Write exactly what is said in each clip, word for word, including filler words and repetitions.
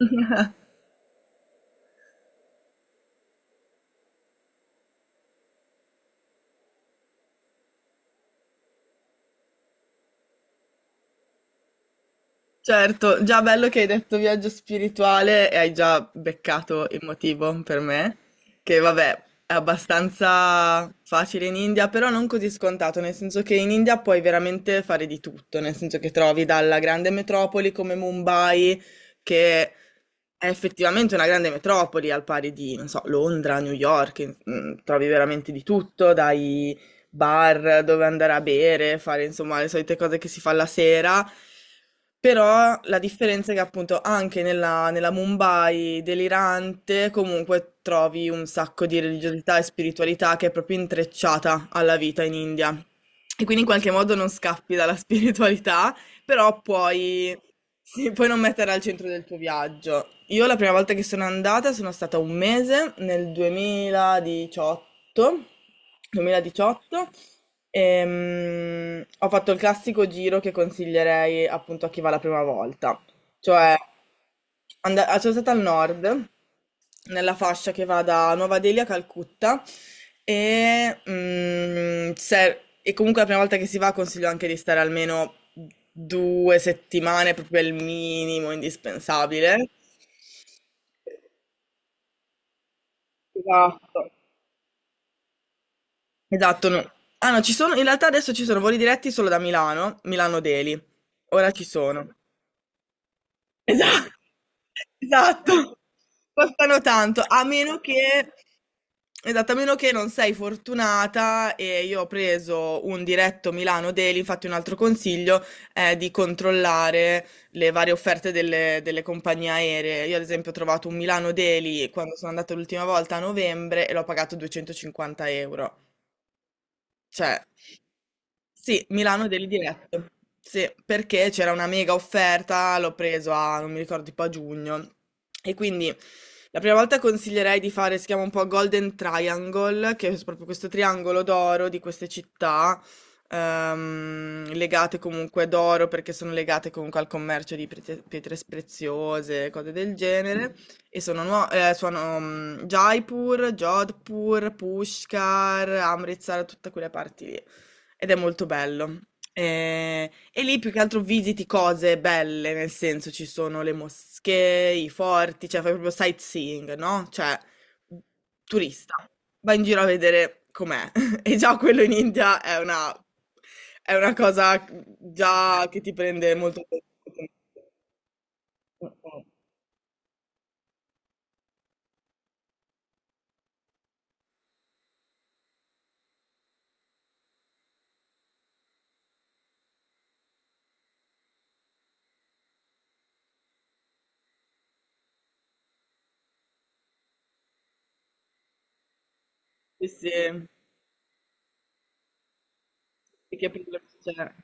Certo, già bello che hai detto viaggio spirituale e hai già beccato il motivo per me, che vabbè è abbastanza facile in India, però non così scontato, nel senso che in India puoi veramente fare di tutto, nel senso che trovi dalla grande metropoli come Mumbai, che è effettivamente una grande metropoli al pari di, non so, Londra, New York, mm, trovi veramente di tutto, dai bar dove andare a bere, fare insomma le solite cose che si fa la sera. Però la differenza è che appunto anche nella, nella Mumbai delirante comunque trovi un sacco di religiosità e spiritualità che è proprio intrecciata alla vita in India. E quindi in qualche modo non scappi dalla spiritualità, però puoi, sì, puoi non metterla al centro del tuo viaggio. Io la prima volta che sono andata sono stata un mese nel duemiladiciotto, duemiladiciotto ehm, Ho fatto il classico giro che consiglierei appunto a chi va la prima volta, cioè and- sono stata al nord, nella fascia che va da Nuova Delhi a Calcutta, e, mm, se- e comunque la prima volta che si va consiglio anche di stare almeno due settimane, proprio il minimo indispensabile. Esatto. Esatto, no. Ah no, ci sono, in realtà adesso ci sono voli diretti solo da Milano, Milano Deli. Ora ci sono. Esatto, esatto. Costano tanto, a meno che esatto, a meno che non sei fortunata e io ho preso un diretto Milano Daily, infatti un altro consiglio è di controllare le varie offerte delle, delle compagnie aeree. Io ad esempio ho trovato un Milano Daily quando sono andata l'ultima volta a novembre e l'ho pagato duecentocinquanta euro. Cioè, sì, Milano Daily Diretto. Sì, perché c'era una mega offerta, l'ho preso a, non mi ricordo, tipo a giugno. E quindi la prima volta consiglierei di fare, si chiama un po' Golden Triangle, che è proprio questo triangolo d'oro di queste città, ehm, legate comunque d'oro perché sono legate comunque al commercio di prete- pietre preziose, cose del genere. E sono, nuo- eh, sono mm, Jaipur, Jodhpur, Pushkar, Amritsar, tutte quelle parti lì. Ed è molto bello. Eh, E lì più che altro visiti cose belle, nel senso ci sono le moschee, i forti, cioè fai proprio sightseeing, no? Cioè, turista, vai in giro a vedere com'è. E già quello in India è una, è una cosa già che ti prende molto tempo. Mm-mm. Sì, sì, perché per le- cioè,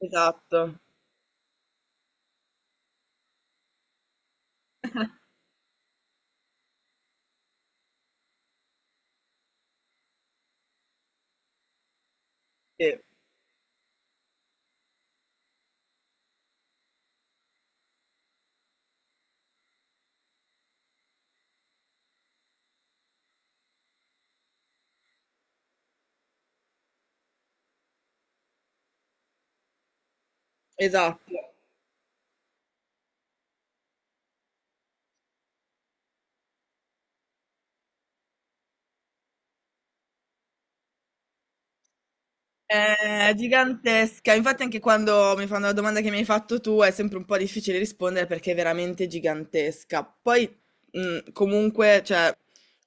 esatto, sì, esatto. È gigantesca, infatti anche quando mi fanno la domanda che mi hai fatto tu è sempre un po' difficile rispondere perché è veramente gigantesca. Poi mh, comunque, cioè,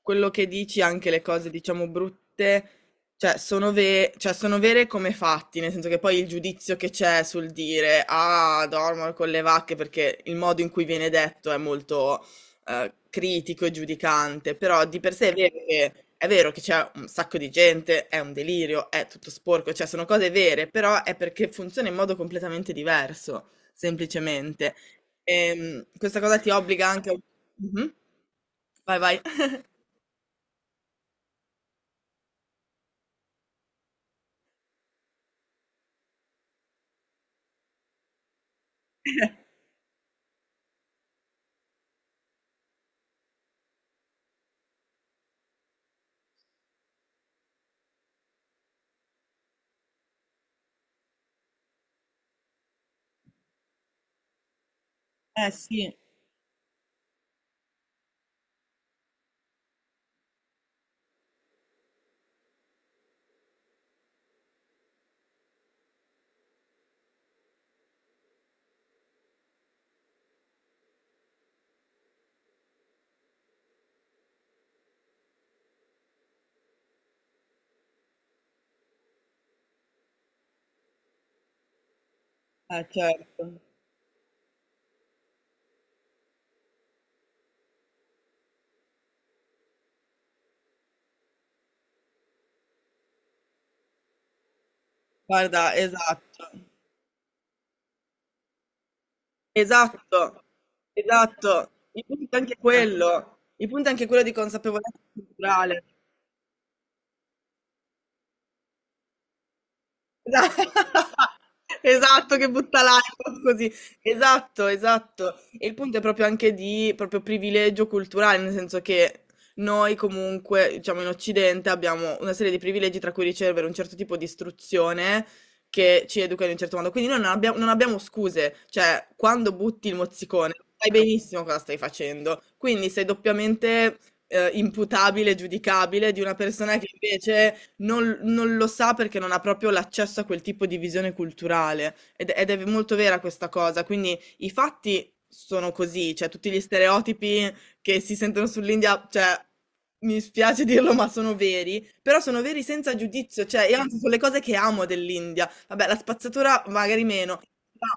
quello che dici, anche le cose diciamo brutte, cioè sono, ve- cioè, sono vere come fatti, nel senso che poi il giudizio che c'è sul dire ah, dormo con le vacche perché il modo in cui viene detto è molto eh, critico e giudicante, però di per sé è vero che è vero che c'è un sacco di gente, è un delirio, è tutto sporco, cioè sono cose vere, però è perché funziona in modo completamente diverso, semplicemente. Ehm, questa cosa ti obbliga anche a... Mhm. Vai, vai. Eh sì, eh, certo. Guarda, esatto. Esatto, esatto. Il punto è anche quello. Il punto è anche quello di consapevolezza culturale. Esa Esatto, che butta l'iPhone così. Esatto, esatto. E il punto è proprio anche di proprio privilegio culturale, nel senso che noi comunque, diciamo in Occidente, abbiamo una serie di privilegi tra cui ricevere un certo tipo di istruzione che ci educa in un certo modo. Quindi noi non abbiamo, non abbiamo scuse, cioè quando butti il mozzicone sai benissimo cosa stai facendo. Quindi sei doppiamente eh, imputabile, giudicabile di una persona che invece non non lo sa perché non ha proprio l'accesso a quel tipo di visione culturale ed ed è v molto vera questa cosa. Quindi i fatti sono così, cioè tutti gli stereotipi che si sentono sull'India, cioè mi spiace dirlo ma sono veri, però sono veri senza giudizio, cioè io anzi son le cose che amo dell'India. Vabbè, la spazzatura magari meno, però.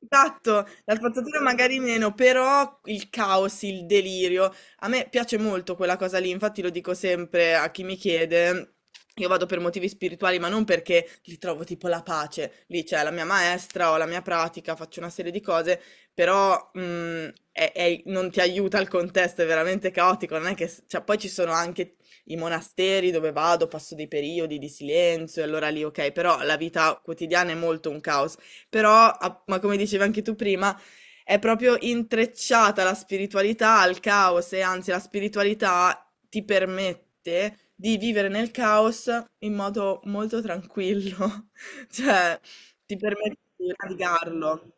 Esatto, la spazzatura magari meno, però il caos, il delirio. A me piace molto quella cosa lì, infatti lo dico sempre a chi mi chiede. Io vado per motivi spirituali, ma non perché li trovo tipo la pace. Lì c'è la mia maestra, ho la mia pratica, faccio una serie di cose, però mh, è- è- non ti aiuta il contesto, è veramente caotico. Non è che, cioè, poi ci sono anche i monasteri dove vado, passo dei periodi di silenzio, e allora lì ok, però la vita quotidiana è molto un caos. Però, a- ma come dicevi anche tu prima, è proprio intrecciata la spiritualità al caos e anzi la spiritualità ti permette di vivere nel caos in modo molto tranquillo, cioè ti permette di navigarlo.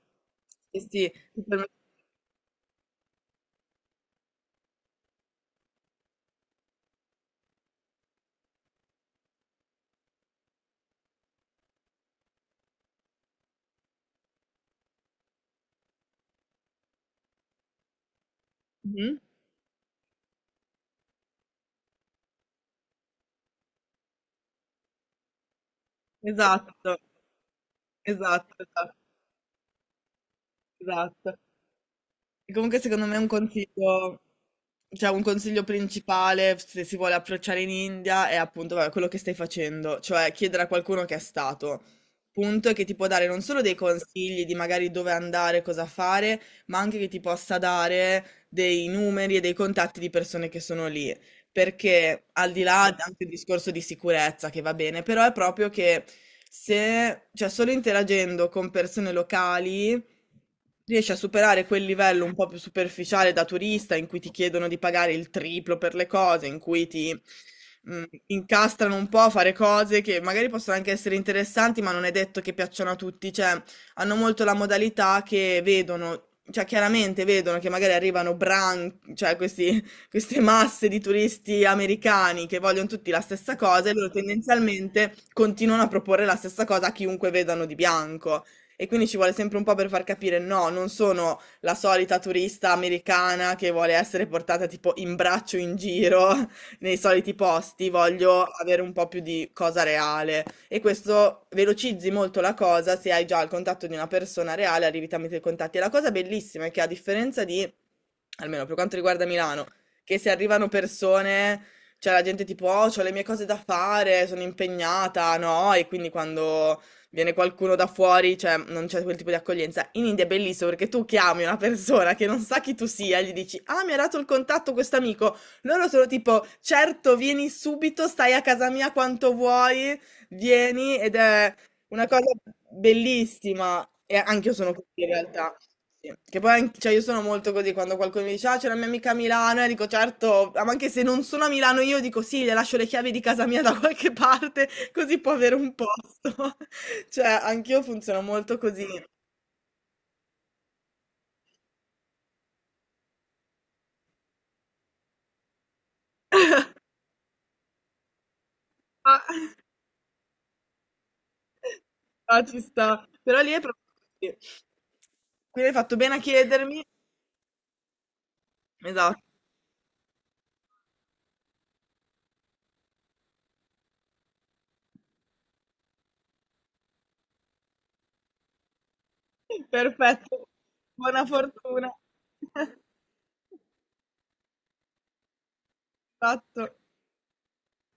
Sì, sì, ti permette- Mhm. Esatto, esatto, esatto, esatto. E comunque secondo me un consiglio, cioè un consiglio principale se si vuole approcciare in India è appunto vabbè, quello che stai facendo, cioè chiedere a qualcuno che è stato, punto, e che ti può dare non solo dei consigli di magari dove andare, cosa fare, ma anche che ti possa dare dei numeri e dei contatti di persone che sono lì. Perché al di là anche il discorso di sicurezza che va bene, però è proprio che se, cioè solo interagendo con persone locali riesci a superare quel livello un po' più superficiale da turista in cui ti chiedono di pagare il triplo per le cose, in cui ti mh, incastrano un po' a fare cose che magari possono anche essere interessanti, ma non è detto che piacciono a tutti. Cioè, hanno molto la modalità che vedono, cioè chiaramente vedono che magari arrivano bran, cioè questi- queste masse di turisti americani che vogliono tutti la stessa cosa e loro tendenzialmente continuano a proporre la stessa cosa a chiunque vedano di bianco e quindi ci vuole sempre un po' per far capire no, non sono la solita turista americana che vuole essere portata tipo in braccio in giro nei soliti posti, voglio avere un po' più di cosa reale e questo velocizzi molto la cosa se hai già il contatto di una persona reale, arrivi tramite i contatti. E la cosa bellissima è che a differenza di, almeno per quanto riguarda Milano, che se arrivano persone, cioè la gente tipo, oh, ho le mie cose da fare, sono impegnata, no? E quindi quando viene qualcuno da fuori, cioè non c'è quel tipo di accoglienza. In India è bellissimo perché tu chiami una persona che non sa chi tu sia, e gli dici "Ah, mi ha dato il contatto questo amico". Loro sono tipo "Certo, vieni subito, stai a casa mia quanto vuoi, vieni" ed è una cosa bellissima. E anch'io sono così in realtà. Sì. Che poi anche- cioè, io sono molto così quando qualcuno mi dice ah, c'è la mia amica a Milano e dico certo, ah, ma anche se non sono a Milano io dico sì, le lascio le chiavi di casa mia da qualche parte così può avere un posto. Cioè, anch'io funziono molto così. Ah, ah, ci sta. Però lì è proprio così. Quindi hai fatto bene a chiedermi. Esatto. Perfetto. Buona fortuna. Esatto.